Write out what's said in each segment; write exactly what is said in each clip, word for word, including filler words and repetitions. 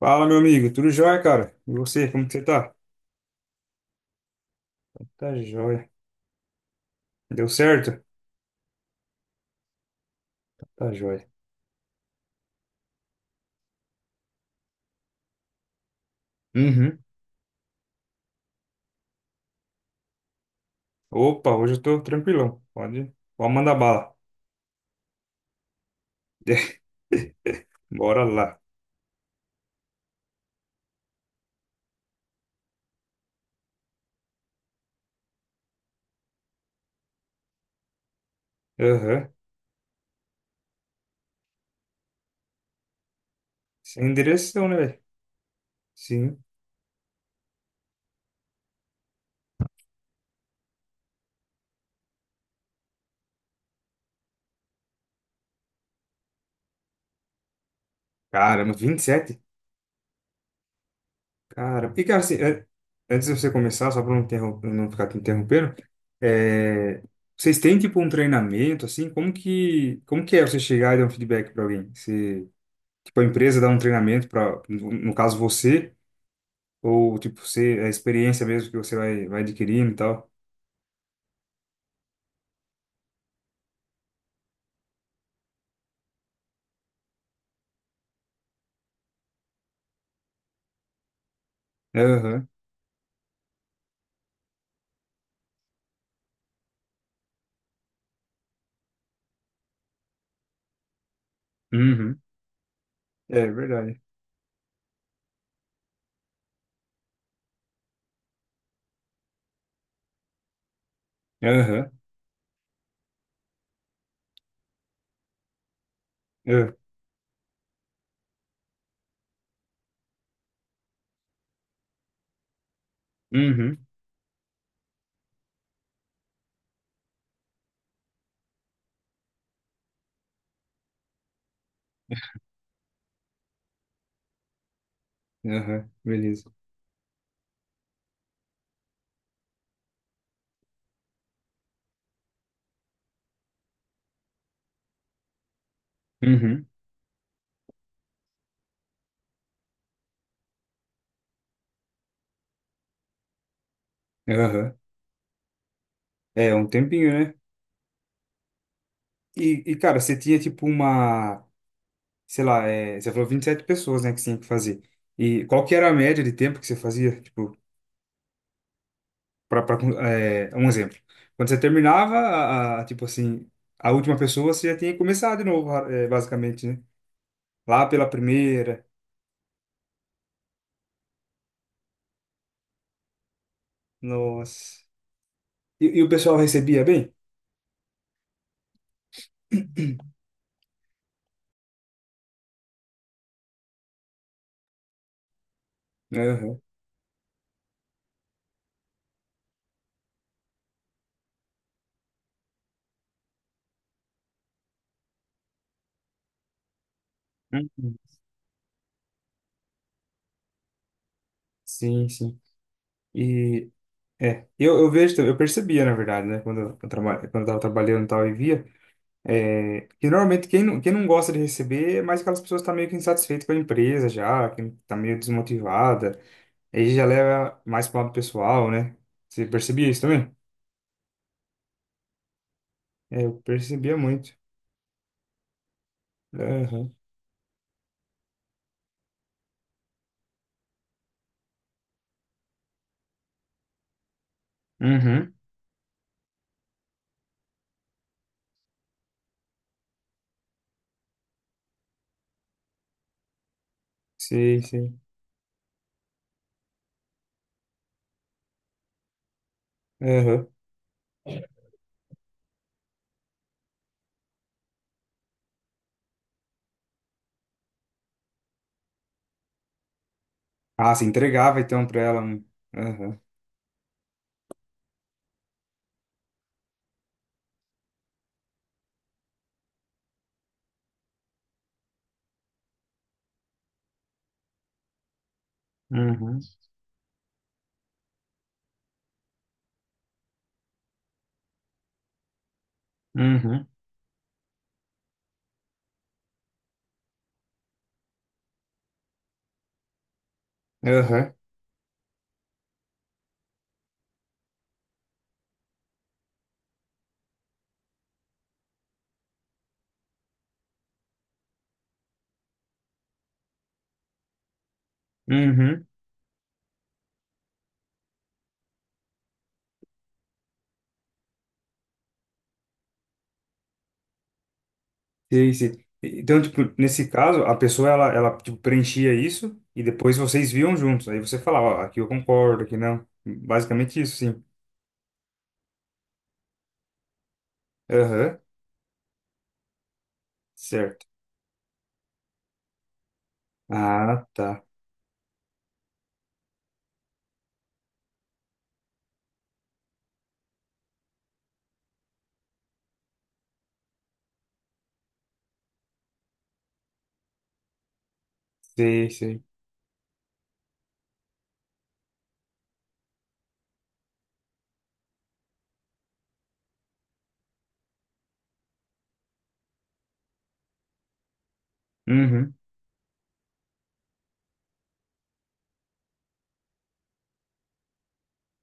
Fala, meu amigo. Tudo jóia, cara? E você, como que você tá? Tá jóia. Deu certo? Tá jóia. Uhum. Opa, hoje eu tô tranquilão. Pode, pode mandar bala. Bora lá. Aham. Sem direção, né, velho? Sim. Caramba, vinte e sete? Cara, e cara, assim, é- antes de você começar, só pra não, interrom- não ficar te interrompendo, é, vocês têm, tipo, um treinamento, assim? Como que, como que é você chegar e dar um feedback pra alguém? Você, tipo, a empresa dá um treinamento pra, no no caso, você... Ou, tipo, ser a experiência mesmo que você vai, vai adquirindo e tal. Aham. Uhum. É verdade. Aham. Ah. Uhum. Aham. Beleza. Uhum. Aham. É, um tempinho, né? E, e, cara, você tinha, tipo, uma... Sei lá, é, você falou vinte e sete pessoas, né, que você tinha que fazer. E qual que era a média de tempo que você fazia? Tipo, pra, pra, é, um exemplo. Quando você terminava, a, a- tipo assim, a última pessoa, você já tinha que começar de novo, é, basicamente, né? Lá pela primeira. Nossa. E, e o pessoal recebia bem? Aham. Uhum. Sim, sim. E é, eu, eu vejo, também- eu percebia, na verdade, né, quando eu, traba, quando eu tava trabalhando e tal e via, é, que normalmente quem não, quem não gosta de receber é mais aquelas pessoas que estão meio que insatisfeitas com a empresa já, que tá meio desmotivada, aí já leva mais pro lado pessoal, né? Você percebia isso também? É, eu percebia muito. Aham. Uhum. Sim, sim. Aham. Ah, se entregava então pra ela. Um. Aham. Uhum. Uhum. Aham. Uhum, sei, sei. Então, tipo, nesse caso, a pessoa, ela, ela, tipo, preenchia isso e depois vocês viam juntos. Aí você falava, ó, aqui eu concordo, aqui não. Basicamente isso, sim. Aham, certo. Ah, tá. Sei, sei. Uhum,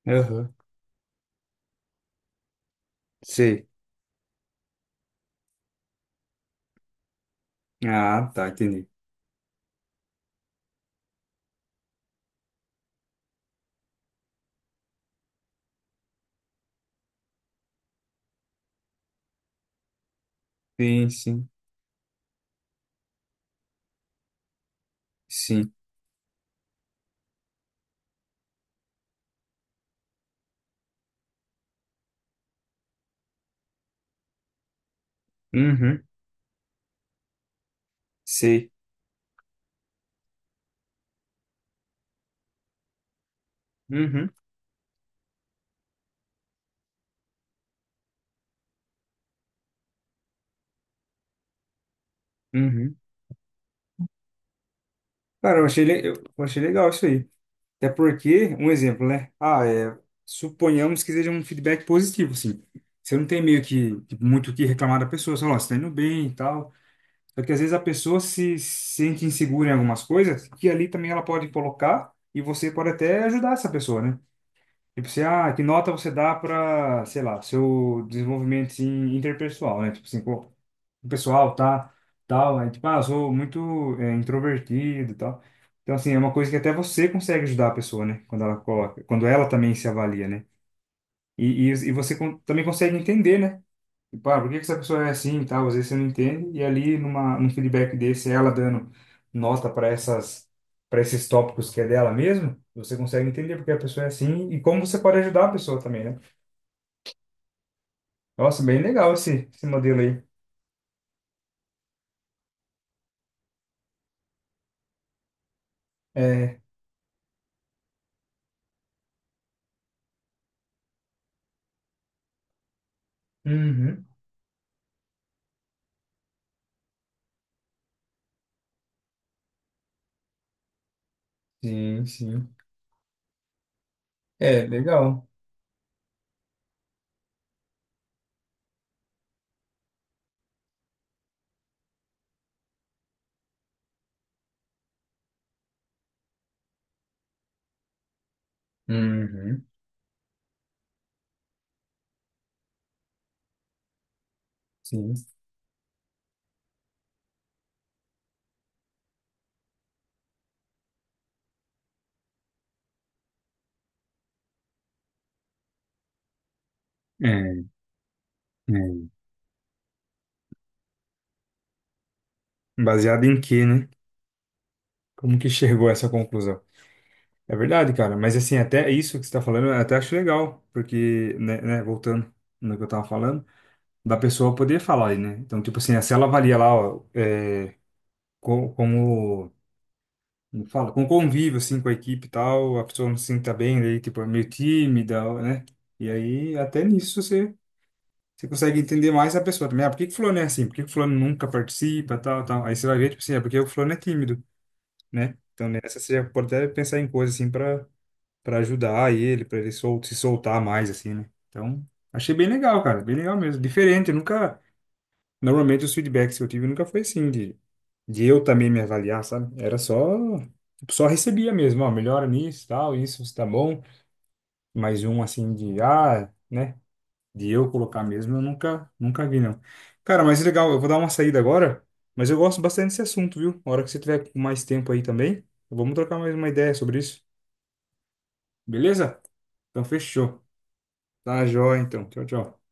aham, sei. Ah, tá, entendi. Sim, sim, sim. Uhum, sei. Uhum, uhum. Cara, eu achei, le- eu achei legal isso aí. Até porque, um exemplo, né? Ah, é, suponhamos que seja um feedback positivo, assim. Você não tem meio que tipo, muito o que reclamar da pessoa, você fala, "Ó, você tá indo bem e tal." Só que às vezes a pessoa se sente insegura em algumas coisas, que ali também ela pode colocar e você pode até ajudar essa pessoa, né? Tipo, você, ah, que nota você dá para, sei lá, seu desenvolvimento assim, interpessoal, né? Tipo assim, pô, o pessoal tá, tal, aí tipo, ah, eu sou muito é, introvertido e tal. Então, assim, é uma coisa que até você consegue ajudar a pessoa, né? Quando ela coloca, quando ela também se avalia, né? E, e, e você con- também consegue entender, né? Tipo, ah, por que que essa pessoa é assim e tal? Às vezes você não entende, e ali numa, num feedback desse, ela dando nota para essas, para esses tópicos que é dela mesmo, você consegue entender porque a pessoa é assim e como você pode ajudar a pessoa também, né? Nossa, bem legal esse, esse modelo aí. É, uhum, sim, sim. É, legal. Uhum, sim. É, é. Baseado em quê, né? Como que chegou a essa conclusão? É verdade, cara, mas assim, até isso que você tá falando, eu até acho legal, porque, né, né, voltando no que eu tava falando, da pessoa poder falar aí, né? Então, tipo assim, se ela avalia lá, ó, é, co- como, como fala, com convívio, assim, com a equipe e tal, a pessoa não se sinta bem, daí, tipo, é meio tímida, né? E aí, até nisso, você consegue entender mais a pessoa também. Ah, por que que o fulano é assim? Por que que o fulano nunca participa, tal, tal? Aí você vai ver, tipo assim, é porque o fulano é tímido, né? Então nessa você já pode até pensar em coisas assim pra para ajudar ele, pra ele sol se soltar mais, assim, né? Então, achei bem legal, cara. Bem legal mesmo. Diferente, eu nunca... Normalmente os feedbacks que eu tive nunca foi assim, de, de eu também me avaliar, sabe? Era só... tipo, só recebia mesmo, ó, melhora nisso, tal, isso, você tá bom. Mais um, assim, de, ah... né? De eu colocar mesmo, eu nunca, nunca vi, não. Cara, mas legal, eu vou dar uma saída agora, mas eu gosto bastante desse assunto, viu? A hora que você tiver com mais tempo aí também, vamos trocar mais uma ideia sobre isso, beleza? Então, fechou. Tá, joia, então. Tchau, tchau.